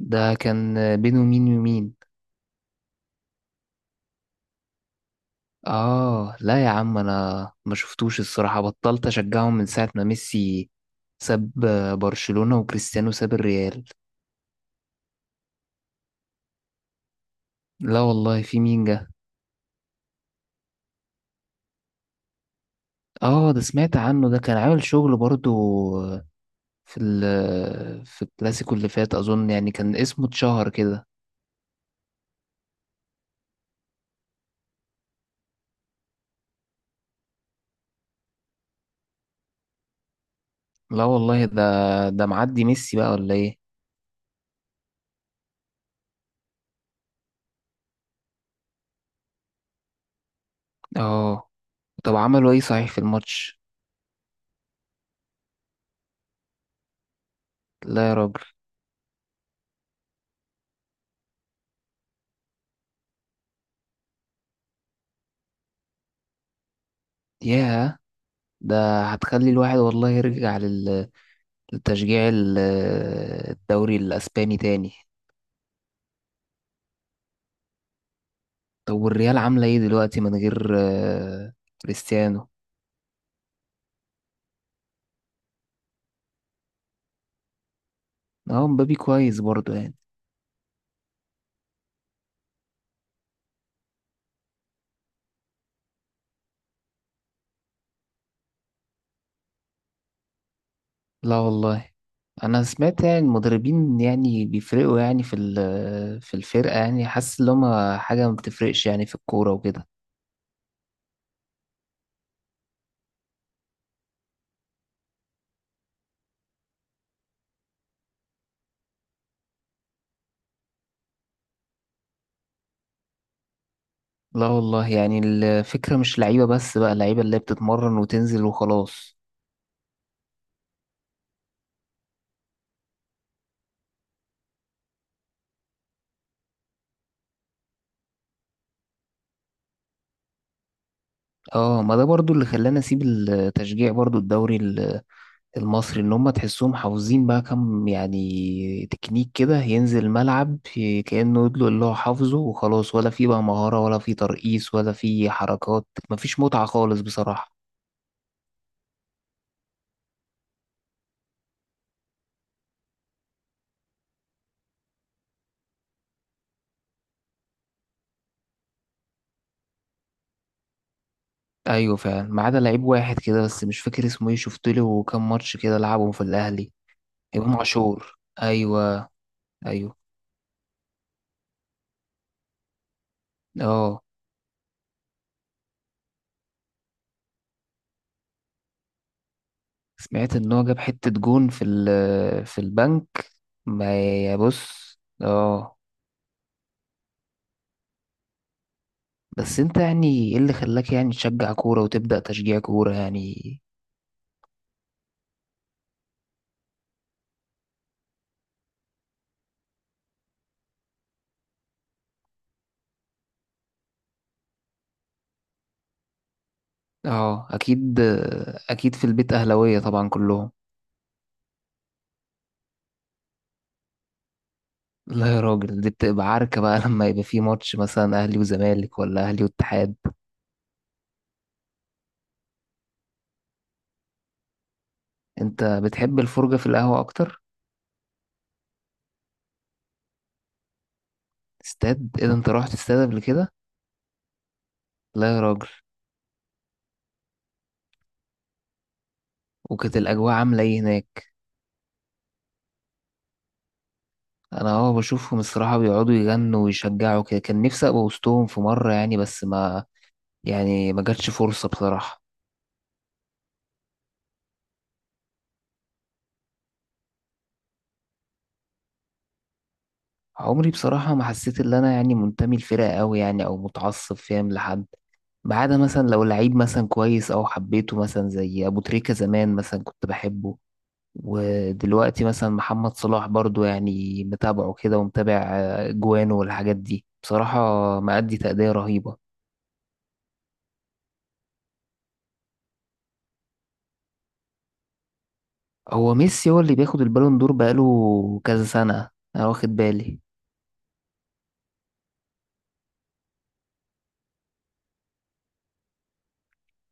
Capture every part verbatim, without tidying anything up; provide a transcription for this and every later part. ده كان بينه مين ومين؟ اه، لا يا عم، انا ما شفتوش الصراحة، بطلت اشجعهم من ساعة ما ميسي ساب برشلونة وكريستيانو ساب الريال. لا والله، في مين جه؟ اه، ده سمعت عنه، ده كان عامل شغل برضو في ال في الكلاسيكو اللي فات اظن، يعني كان اسمه اتشهر كده. لا والله، ده ده معدي ميسي بقى ولا ايه؟ اه. طب عملوا ايه صحيح في الماتش؟ لا يا راجل. ياه. ده هتخلي الواحد والله يرجع لل تشجيع ال- الدوري الاسباني تاني. طب والريال عامله ايه دلوقتي من غير آه، كريستيانو؟ اه، مبابي كويس برضه يعني. لا والله. انا سمعت يعني المدربين يعني بيفرقوا، يعني في ال- في الفرقه، يعني حاسس ان هما حاجه ما بتفرقش يعني في الكوره وكده. لا والله، يعني الفكره مش لعيبه بس بقى لعيبه اللي هي بتتمرن وتنزل وخلاص. اه، ما ده برضو اللي خلاني اسيب التشجيع برضو الدوري المصري، اللي هم تحسهم حافظين بقى كم يعني تكنيك كده، ينزل الملعب ي- كأنه يدلق اللي هو حافظه وخلاص، ولا في بقى مهارة ولا في ترقيص ولا في حركات، مفيش متعة خالص بصراحة. ايوه فعلا، ما عدا لعيب واحد كده، بس مش فاكر اسمه ايه، شفت له كام ماتش كده لعبهم في الاهلي. امام عاشور، ايوه. ايوه. اه، سمعت ان هو جاب حتة جون في ال- في البنك. ما، يا بص. اه. بس انت يعني ايه اللي خلاك يعني تشجع كورة وتبدأ تشجيع كورة يعني؟ اه اكيد. اكيد في البيت اهلاوية طبعا كلهم؟ لا يا راجل، دي بتبقى عركة بقى لما يبقى في ماتش مثلا اهلي وزمالك ولا اهلي واتحاد. انت بتحب الفرجة في القهوة اكتر؟ استاد ايه ده؟ انت رحت استاد قبل كده؟ لا يا راجل. وكانت الاجواء عاملة ايه هناك؟ انا اه بشوفهم الصراحة بيقعدوا يغنوا ويشجعوا كده، كان نفسي ابقى وسطهم في مرة يعني، بس ما يعني ما جاتش فرصة بصراحة. عمري بصراحة ما حسيت إن أنا يعني منتمي لفرقة أوي، يعني أو متعصب فاهم، لحد ما عدا مثلا لو لعيب مثلا كويس أو حبيته، مثلا زي أبو تريكة زمان مثلا كنت بحبه، ودلوقتي مثلا محمد صلاح برضو، يعني متابعه كده ومتابع آه، جوانه والحاجات دي بصراحة. مأدي تأدية رهيبة. هو ميسي هو اللي بياخد البالون دور بقاله كذا سنة، أنا واخد بالي.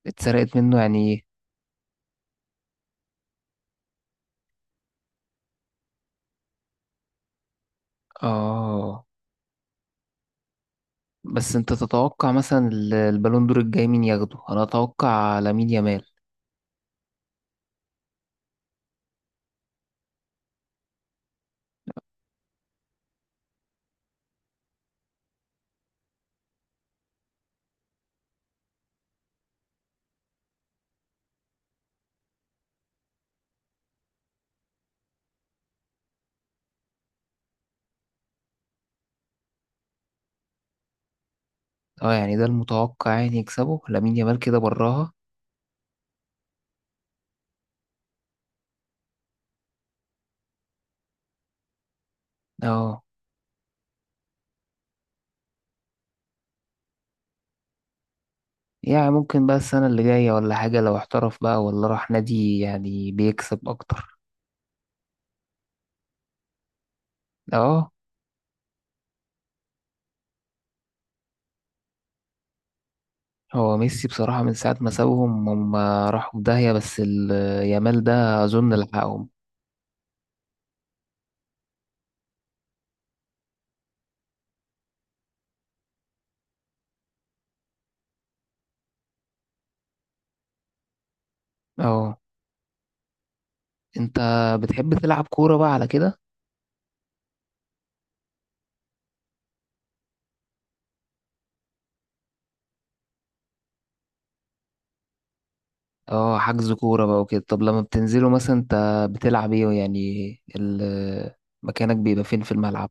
اتسرقت منه يعني إيه؟ آه. بس انت تتوقع مثلا ال- البالون دور الجاي مين ياخده؟ انا اتوقع لامين يامال. اه، يعني ده المتوقع، يعني يكسبه لامين يامال كده براها. اه، يعني ممكن بقى السنة اللي جاية ولا حاجة لو احترف بقى ولا راح نادي يعني بيكسب اكتر. اه. هو ميسي بصراحة من ساعة ما سابهم هم راحوا في داهية، بس ال- يامال ده اظن لحقهم. اه. انت بتحب تلعب كورة بقى على كده؟ اه حجز كورة بقى وكده. طب لما بتنزلوا مثلا انت بتلعب ايه يعني؟ ال- مكانك بيبقى فين في الملعب؟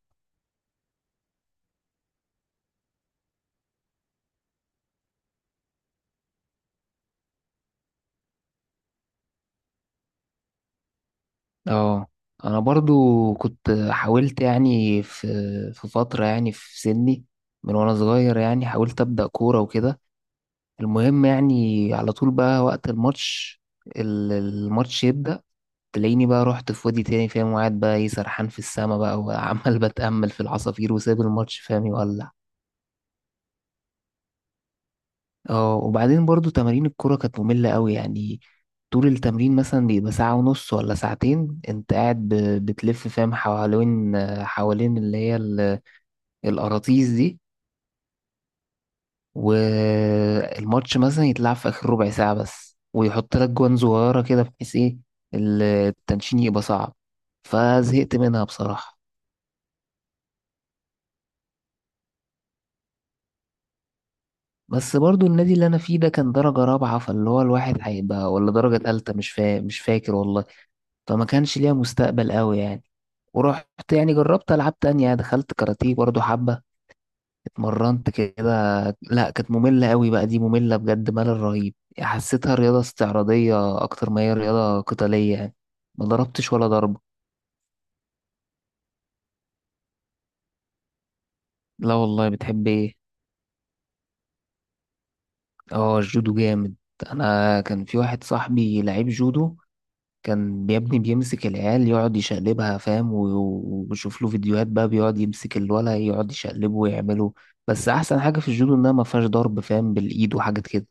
اه، انا برضو كنت حاولت يعني في في فترة يعني في سني، من وانا صغير يعني حاولت ابدأ كورة وكده، المهم يعني على طول بقى وقت الماتش، ال- الماتش يبدأ، تلاقيني بقى رحت في وادي تاني فاهم، وقاعد بقى ايه سرحان في السما بقى وعمال بتأمل في العصافير وسايب الماتش فاهم يولع. اه، وبعدين برضو تمارين الكرة كانت مملة قوي يعني، طول التمرين مثلا بيبقى ساعة ونص ولا ساعتين، انت قاعد ب- بتلف فاهم حوالين حوالين اللي هي ال- الأراطيس دي، والماتش مثلا يتلعب في آخر ربع ساعة بس ويحط لك جوان صغيرة كده، بحيث ايه ال- التنشين يبقى صعب، فزهقت منها بصراحة. بس برضو النادي اللي أنا فيه ده كان درجة رابعة، فاللي هو الواحد هيبقى ولا درجة تالتة مش فا... مش فاكر والله، فما كانش ليها مستقبل قوي يعني. ورحت، يعني جربت ألعاب تانية، دخلت كاراتيه برضو حبة، اتمرنت كده. لا كانت مملة قوي بقى، دي مملة بجد ملل رهيب. حسيتها رياضة استعراضية أكتر ما هي رياضة قتالية يعني، ما ضربتش ولا ضربة. لا والله، بتحب ايه؟ اه الجودو جامد. أنا كان في واحد صاحبي لعيب جودو، كان يا ابني بيمسك العيال يقعد يشقلبها فاهم، و- و- وبشوف له فيديوهات بقى، بيقعد يمسك الولا يقعد يشقلبه ويعمله. بس احسن حاجة في الجودو انها ما فيهاش ضرب فاهم بالايد وحاجات كده.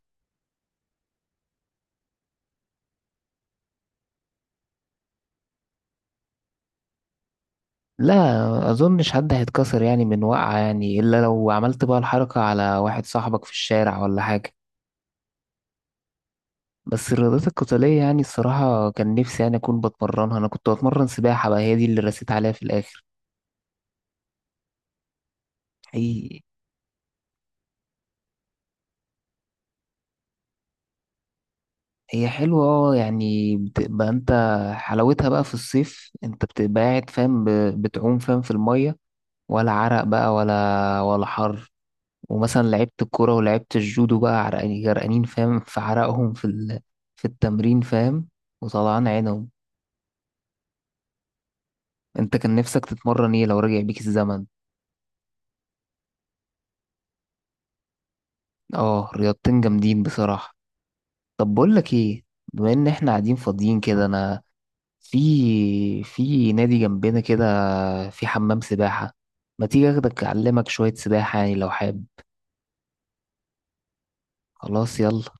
لا اظنش حد هيتكسر يعني من وقعة يعني، الا لو عملت بقى الحركة على واحد صاحبك في الشارع ولا حاجة. بس الرياضات القتالية يعني الصراحة كان نفسي يعني أكون بتمرنها، أنا كنت بتمرن سباحة بقى، هي دي اللي رسيت عليها في الآخر. حقيقي. هي حلوة اه يعني بتبقى انت حلاوتها بقى في الصيف، انت بتبقى قاعد فاهم ب- بتعوم فاهم في المية، ولا عرق بقى ولا ولا حر. ومثلا لعبت الكورة ولعبت الجودو بقى عرقانين جرقانين فاهم في عرقهم في ال... في التمرين فاهم وطلعان عينهم. انت كان نفسك تتمرن ايه لو رجع بيك الزمن؟ اه رياضتين جامدين بصراحة. طب بقول لك ايه، بما ان احنا قاعدين فاضيين كده، انا في في نادي جنبنا كده، في حمام سباحة، ما تيجي اخدك اعلمك شوية سباحة يعني لو حابب. خلاص يلا.